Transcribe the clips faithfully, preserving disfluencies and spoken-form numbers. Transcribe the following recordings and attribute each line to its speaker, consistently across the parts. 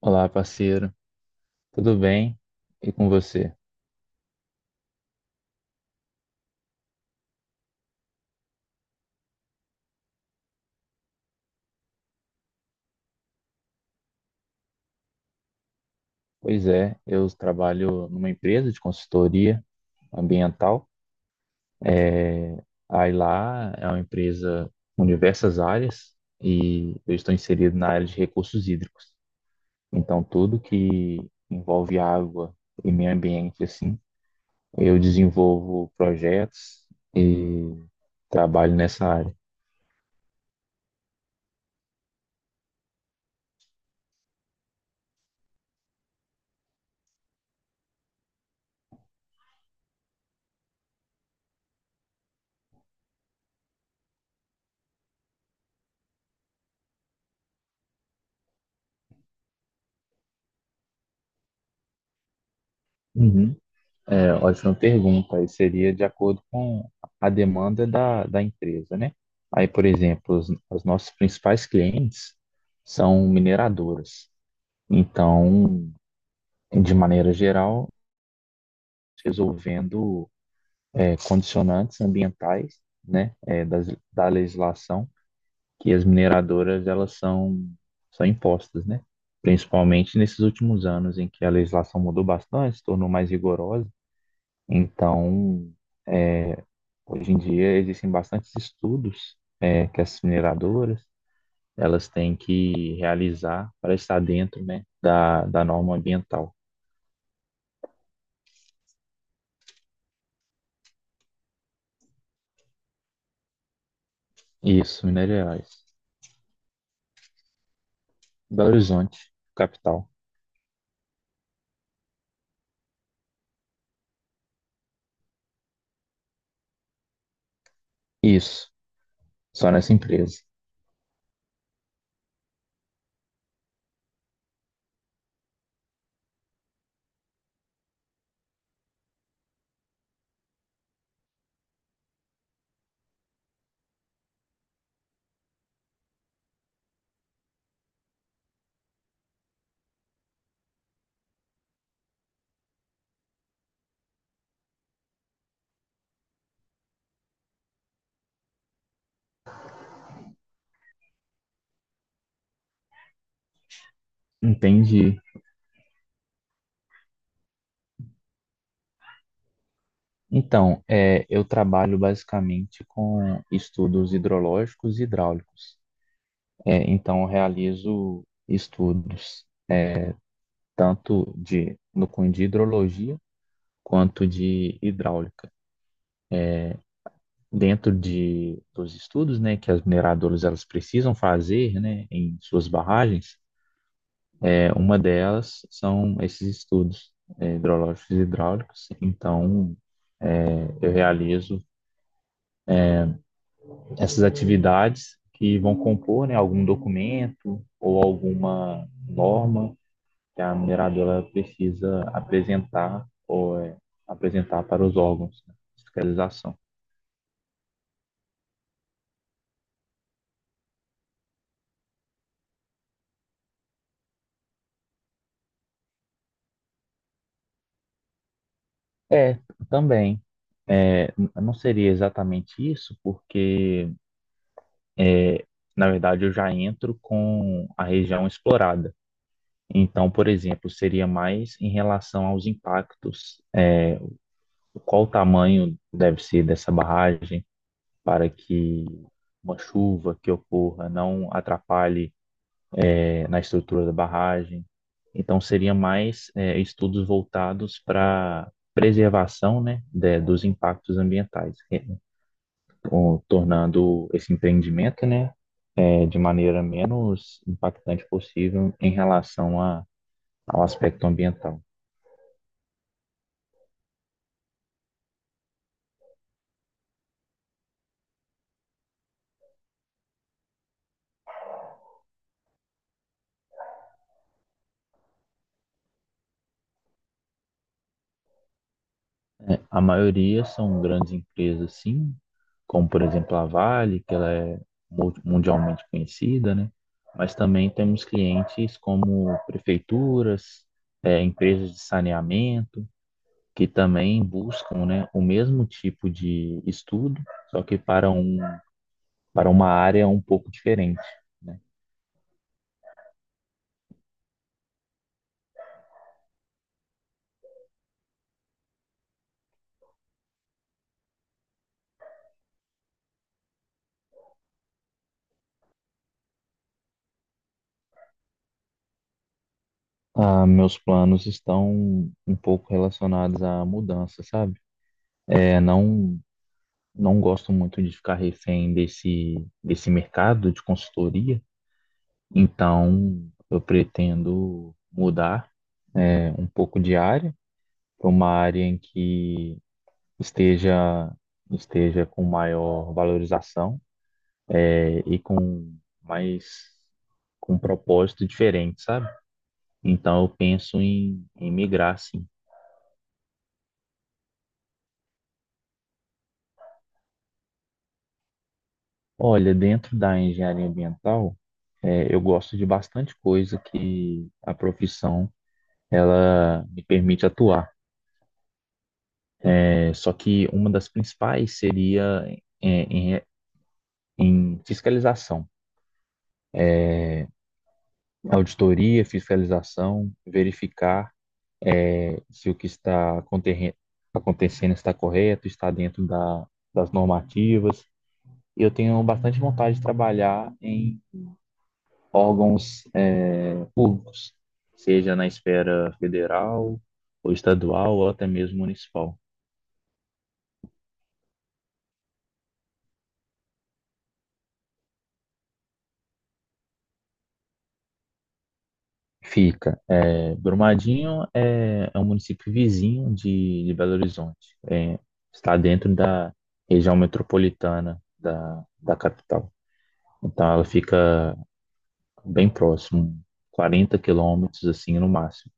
Speaker 1: Olá, parceiro. Tudo bem? E com você? Pois é, eu trabalho numa empresa de consultoria ambiental. É, aí lá é uma empresa com diversas áreas e eu estou inserido na área de recursos hídricos. Então, tudo que envolve água e meio ambiente, assim, eu desenvolvo projetos e trabalho nessa área. Uhum. É, ótima pergunta. Aí seria de acordo com a demanda da, da empresa, né? Aí, por exemplo, os, os nossos principais clientes são mineradoras. Então, de maneira geral, resolvendo é, condicionantes ambientais, né, é, das, da legislação que as mineradoras elas são são impostas, né? Principalmente nesses últimos anos em que a legislação mudou bastante, se tornou mais rigorosa. Então, Hoje em dia existem bastantes estudos é, que as mineradoras elas têm que realizar para estar dentro, né, da, da norma ambiental. Isso, minerais. Belo Horizonte, capital. Isso, só nessa empresa. Entendi. Então, é, eu trabalho basicamente com estudos hidrológicos e hidráulicos. É, então, eu realizo estudos tanto de no cunho de hidrologia quanto de hidráulica. Dentro de, dos estudos, né, que as mineradoras elas precisam fazer, né, em suas barragens, é, uma delas são esses estudos é, hidrológicos e hidráulicos. Então, eu realizo essas atividades que vão compor, né, algum documento ou alguma norma que a mineradora precisa apresentar ou é, apresentar para os órgãos, né, de fiscalização. É, também. É, não seria exatamente isso, porque, na verdade, eu já entro com a região explorada. Então, por exemplo, seria mais em relação aos impactos, né? Qual o tamanho deve ser dessa barragem para que uma chuva que ocorra não atrapalhe é, na estrutura da barragem. Então, seria mais é, estudos voltados para preservação, né, de, dos impactos ambientais, re- o- tornando esse empreendimento, né, é, de maneira menos impactante possível em relação a, ao aspecto ambiental. Né. A maioria são grandes empresas, sim, como por exemplo a Vale, que ela é mu- mundialmente conhecida, né? Mas também temos clientes como prefeituras, é, empresas de saneamento, que também buscam, né, o mesmo tipo de estudo, só que para um, para uma área um pouco diferente. Né. Ah, meus planos estão um pouco relacionados à mudança, sabe? É, não, não gosto muito de ficar refém desse, desse mercado de consultoria, então eu pretendo mudar um pouco de área para uma área em que esteja, esteja com maior valorização, é, e com mais, com um propósito diferente, sabe? Então eu penso em, em migrar, sim. Olha, dentro da engenharia ambiental, é, eu gosto de bastante coisa que a profissão ela me permite atuar. É, só que uma das principais seria em, em- em fiscalização, auditoria, fiscalização, verificar é, se o que está aconterre- acontecendo está correto, está dentro da- das normativas. Eu tenho bastante vontade de trabalhar órgãos é, públicos, seja na esfera federal ou estadual ou até mesmo municipal. Fica. é, Brumadinho é, é um município vizinho de, de Belo Horizonte. É, está dentro da região metropolitana da, da capital. Então ela fica bem próximo, quarenta quilômetros assim no máximo.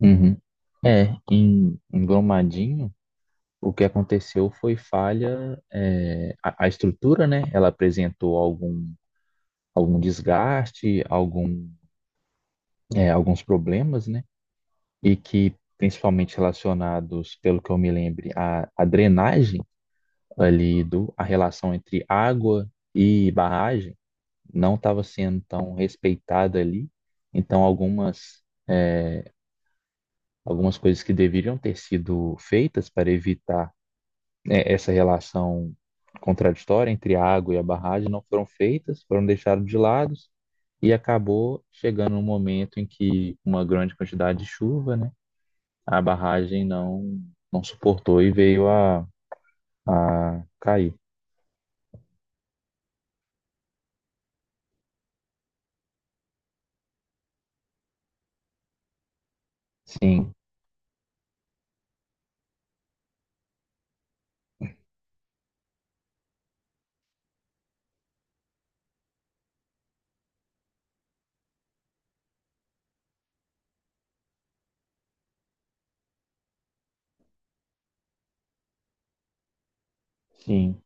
Speaker 1: Uhum. É, em, em Brumadinho. O que aconteceu foi falha, é, a, a estrutura, né? Ela apresentou algum, algum desgaste, algum, é, alguns problemas, né? E que, principalmente relacionados, pelo que eu me lembro, à, à drenagem ali, do, a relação entre água e barragem não estava sendo tão respeitada ali. Então, algumas, é, algumas coisas que deveriam ter sido feitas para evitar é, essa relação contraditória entre a água e a barragem não foram feitas, foram deixadas de lado e acabou chegando um momento em que uma grande quantidade de chuva, né, a barragem não não suportou e veio a, a cair. Sim, sim.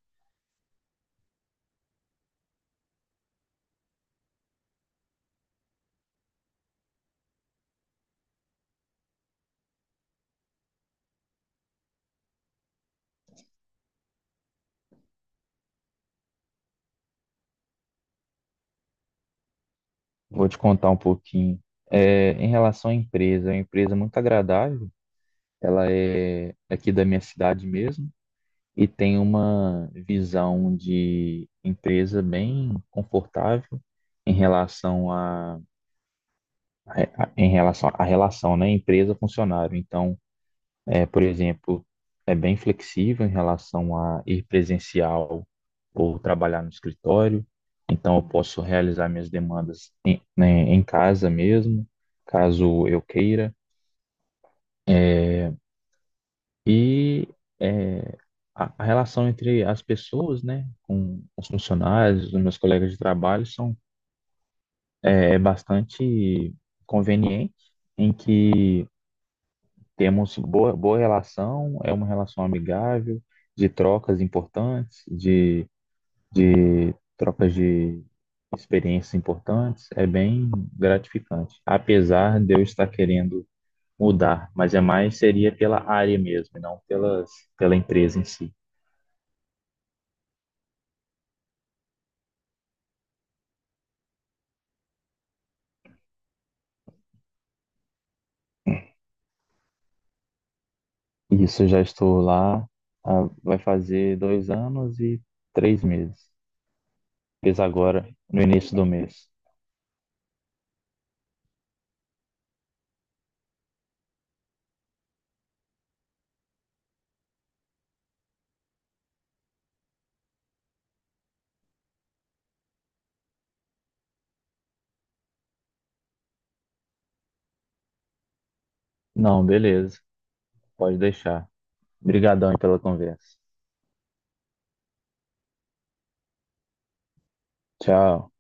Speaker 1: Vou te contar um pouquinho. É, em relação à empresa, é uma empresa muito agradável. Ela é é aqui da minha cidade mesmo. E tem uma visão de empresa bem confortável em relação a, a- em relação à relação, né, empresa-funcionário. Então, é, por exemplo, é bem flexível em relação a ir presencial ou trabalhar no escritório. Então, eu posso realizar minhas demandas em, né, em casa mesmo, caso eu queira. É, E é, a, a relação entre as pessoas, né, com os funcionários, os meus colegas de trabalho, são eh, é, bastante conveniente, em que temos boa, boa relação, é uma relação amigável, de trocas importantes, de, de trocas de experiências importantes, é bem gratificante. Apesar de eu estar querendo mudar, mas é mais seria pela área mesmo, e não pelas, pela empresa em si. Isso, já estou lá. Ah, vai fazer dois anos e três meses. Fiz agora, no início do mês. Não, beleza. Pode deixar. Obrigadão aí pela conversa. Tchau.